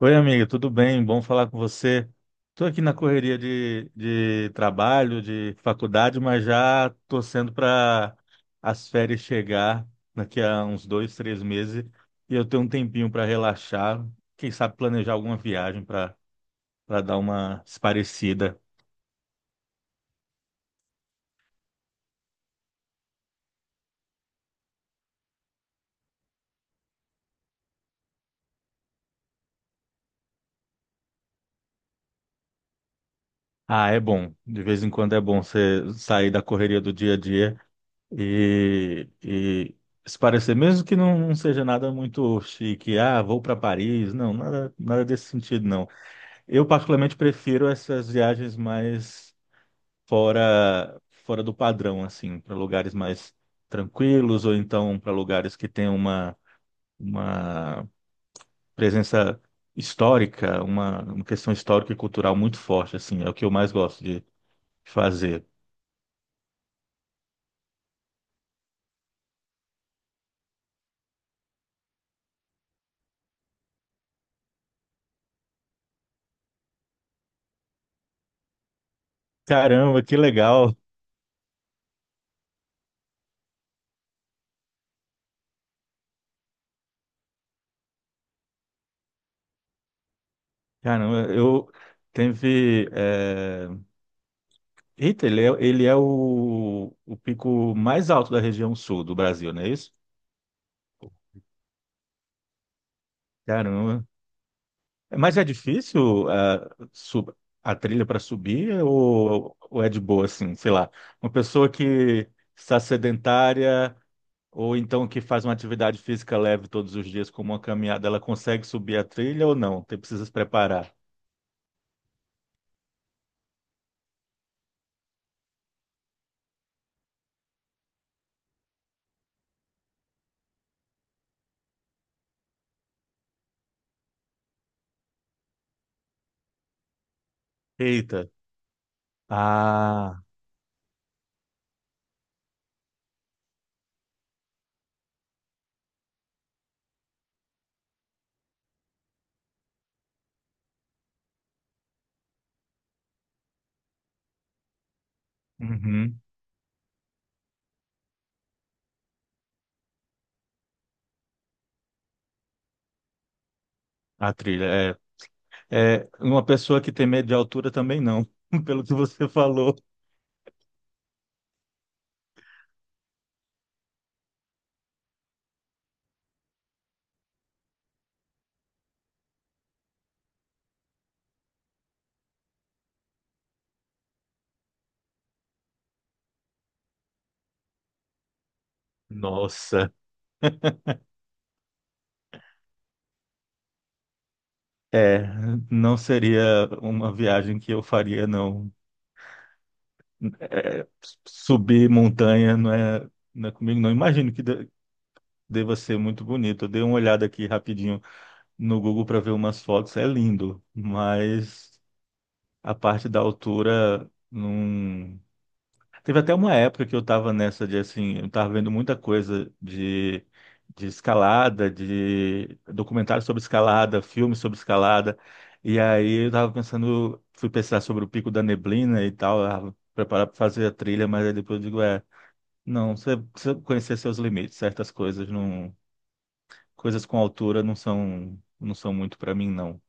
Oi, amiga, tudo bem? Bom falar com você. Estou aqui na correria de trabalho, de faculdade, mas já torcendo para as férias chegar daqui a uns dois, três meses e eu ter um tempinho para relaxar. Quem sabe planejar alguma viagem para dar uma esparecida. Ah, é bom. De vez em quando é bom você sair da correria do dia a dia e se parecer, mesmo que não seja nada muito chique, ah, vou para Paris, não, nada, nada desse sentido, não. Eu particularmente prefiro essas viagens mais fora do padrão, assim, para lugares mais tranquilos ou então para lugares que têm uma presença histórica, uma questão histórica e cultural muito forte, assim, é o que eu mais gosto de fazer. Caramba, que legal! Caramba, teve. eh, Eita, ele é, ele é o pico mais alto da região sul do Brasil, não é isso? Caramba. Mas é difícil a trilha para subir ou é de boa, assim, sei lá. Uma pessoa que está sedentária ou então que faz uma atividade física leve todos os dias, como uma caminhada, ela consegue subir a trilha ou não? Tem precisa se preparar. Eita. Ah, uhum. A trilha, é. É, uma pessoa que tem medo de altura também não, pelo que você falou. Nossa, é, não seria uma viagem que eu faria, não. É, subir montanha não é comigo, não. Imagino que deva ser muito bonito. Eu dei uma olhada aqui rapidinho no Google para ver umas fotos, é lindo, mas a parte da altura não. Teve até uma época que eu tava nessa de assim, eu tava vendo muita coisa de escalada, de documentário sobre escalada, filme sobre escalada. E aí eu tava pensando, fui pensar sobre o Pico da Neblina e tal, ah, preparar para fazer a trilha, mas aí depois eu digo, é, não, você precisa conhecer seus limites, certas coisas não, coisas com altura não são muito para mim não.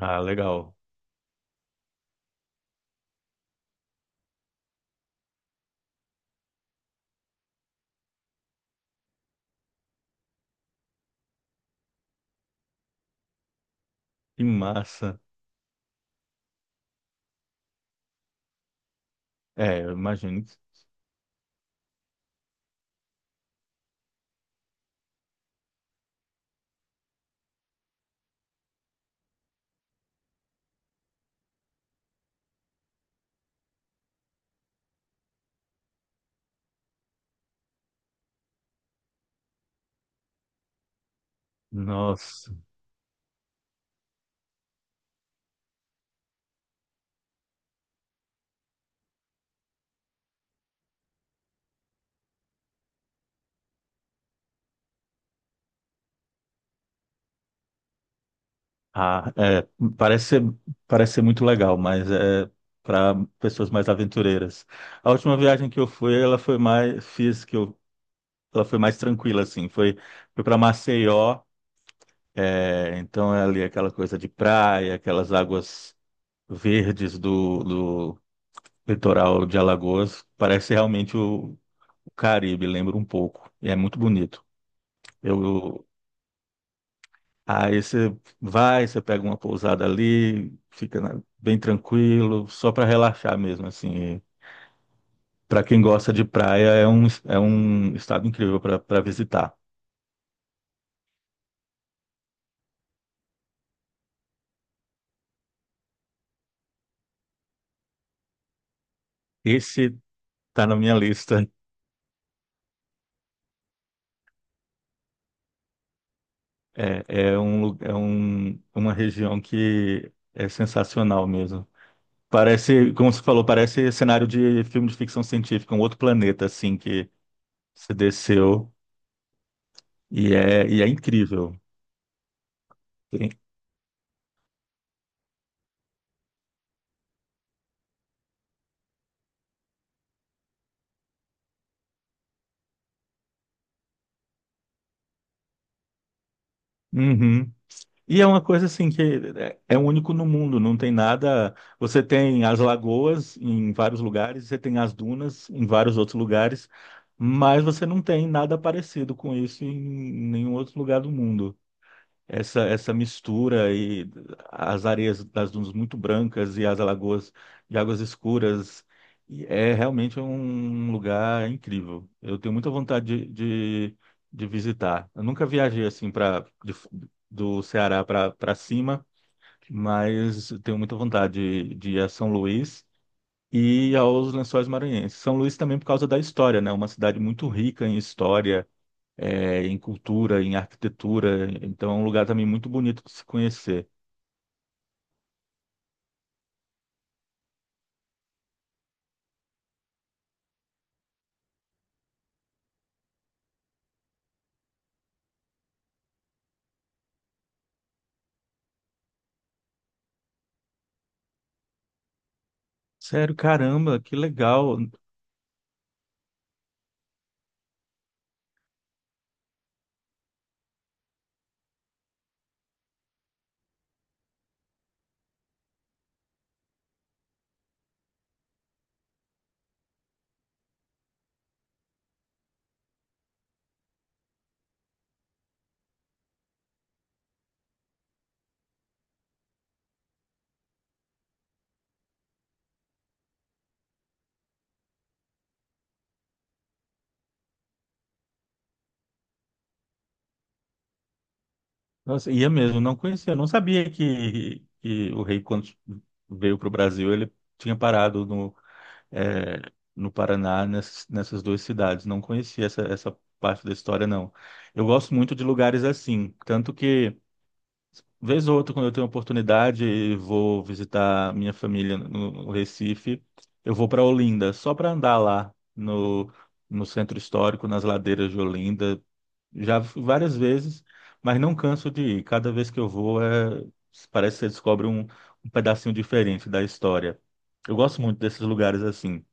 Ah, legal. Que massa. É, eu imagino. Nossa. Ah, é, parece ser, parece ser muito legal, mas é para pessoas mais aventureiras. A última viagem que eu fui, ela foi mais tranquila, assim. Foi para Maceió, é, então é ali aquela coisa de praia, aquelas águas verdes do litoral de Alagoas. Parece realmente o Caribe, lembra um pouco. E é muito bonito. Eu, Aí você vai, você pega uma pousada ali, bem tranquilo, só para relaxar mesmo, assim. Para quem gosta de praia, é um estado incrível para visitar. Esse tá na minha lista. Uma região que é sensacional mesmo. Parece, como você falou, parece cenário de filme de ficção científica, um outro planeta, assim, que você desceu e é incrível. Tem- Uhum. E é uma coisa assim que é único no mundo, não tem nada. Você tem as lagoas em vários lugares, você tem as dunas em vários outros lugares, mas você não tem nada parecido com isso em nenhum outro lugar do mundo essa mistura e as areias das dunas muito brancas e as alagoas de águas escuras. E é realmente um lugar incrível. Eu tenho muita vontade de visitar. Eu nunca viajei assim para do Ceará para cima, mas eu tenho muita vontade de ir a São Luís e aos Lençóis Maranhenses. São Luís também por causa da história, né? É uma cidade muito rica em história é, em cultura, em arquitetura. Então é um lugar também muito bonito de se conhecer. Sério, caramba, que legal. Nossa, ia mesmo, não conhecia, não sabia que o rei, quando veio para o Brasil, ele tinha parado é, no Paraná, nessas duas cidades. Não conhecia essa parte da história, não. Eu gosto muito de lugares assim, tanto que. Vez ou outra, quando eu tenho oportunidade e vou visitar minha família no Recife, eu vou para Olinda, só para andar lá no centro histórico, nas ladeiras de Olinda. Já fui várias vezes, mas não canso de ir. Cada vez que eu vou, é, parece que você descobre um pedacinho diferente da história. Eu gosto muito desses lugares assim.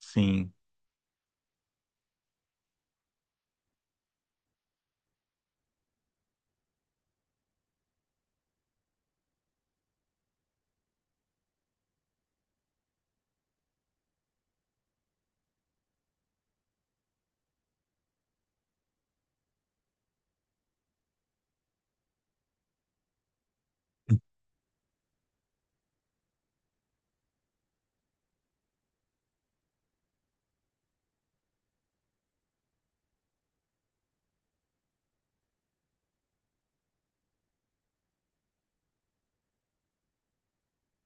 Sim,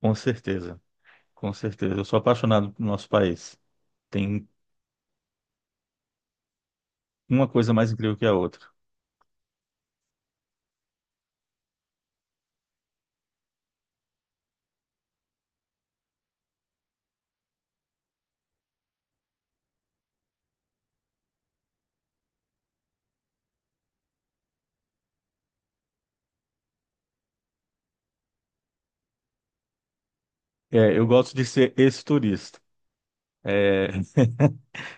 com certeza. Com certeza. Eu sou apaixonado pelo nosso país. Tem uma coisa mais incrível que a outra. É, eu gosto de ser esse turista. É,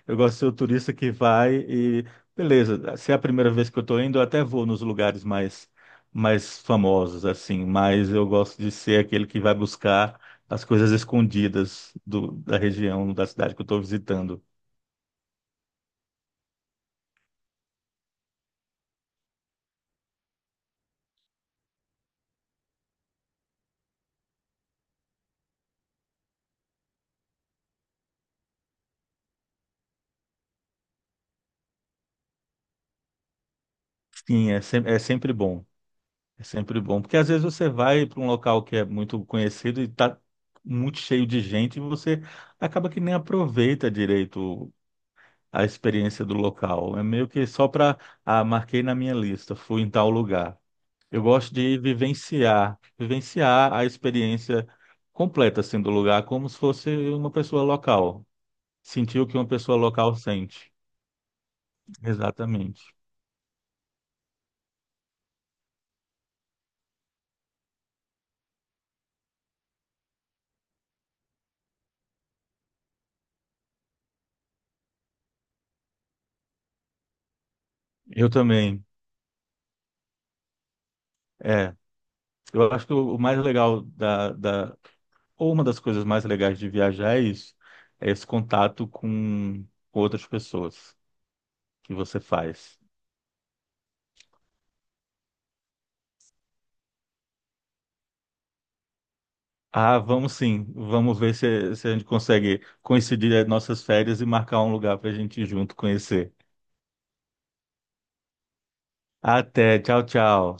eu gosto de ser o turista beleza, se é a primeira vez que eu estou indo, eu até vou nos lugares mais famosos, assim, mas eu gosto de ser aquele que vai buscar as coisas escondidas da região, da cidade que eu estou visitando. Sim, é, é sempre bom, porque às vezes você vai para um local que é muito conhecido e está muito cheio de gente e você acaba que nem aproveita direito a experiência do local. É meio que só para, ah, marquei na minha lista, fui em tal lugar. Eu gosto de vivenciar, vivenciar a experiência completa assim do lugar, como se fosse uma pessoa local. Sentir o que uma pessoa local sente. Exatamente. Eu também. É. Eu acho que o mais legal ou uma das coisas mais legais de viajar é isso, é esse contato com outras pessoas que você faz. Ah, vamos sim. Vamos ver se a gente consegue coincidir as nossas férias e marcar um lugar para a gente ir junto conhecer. Até, tchau, tchau.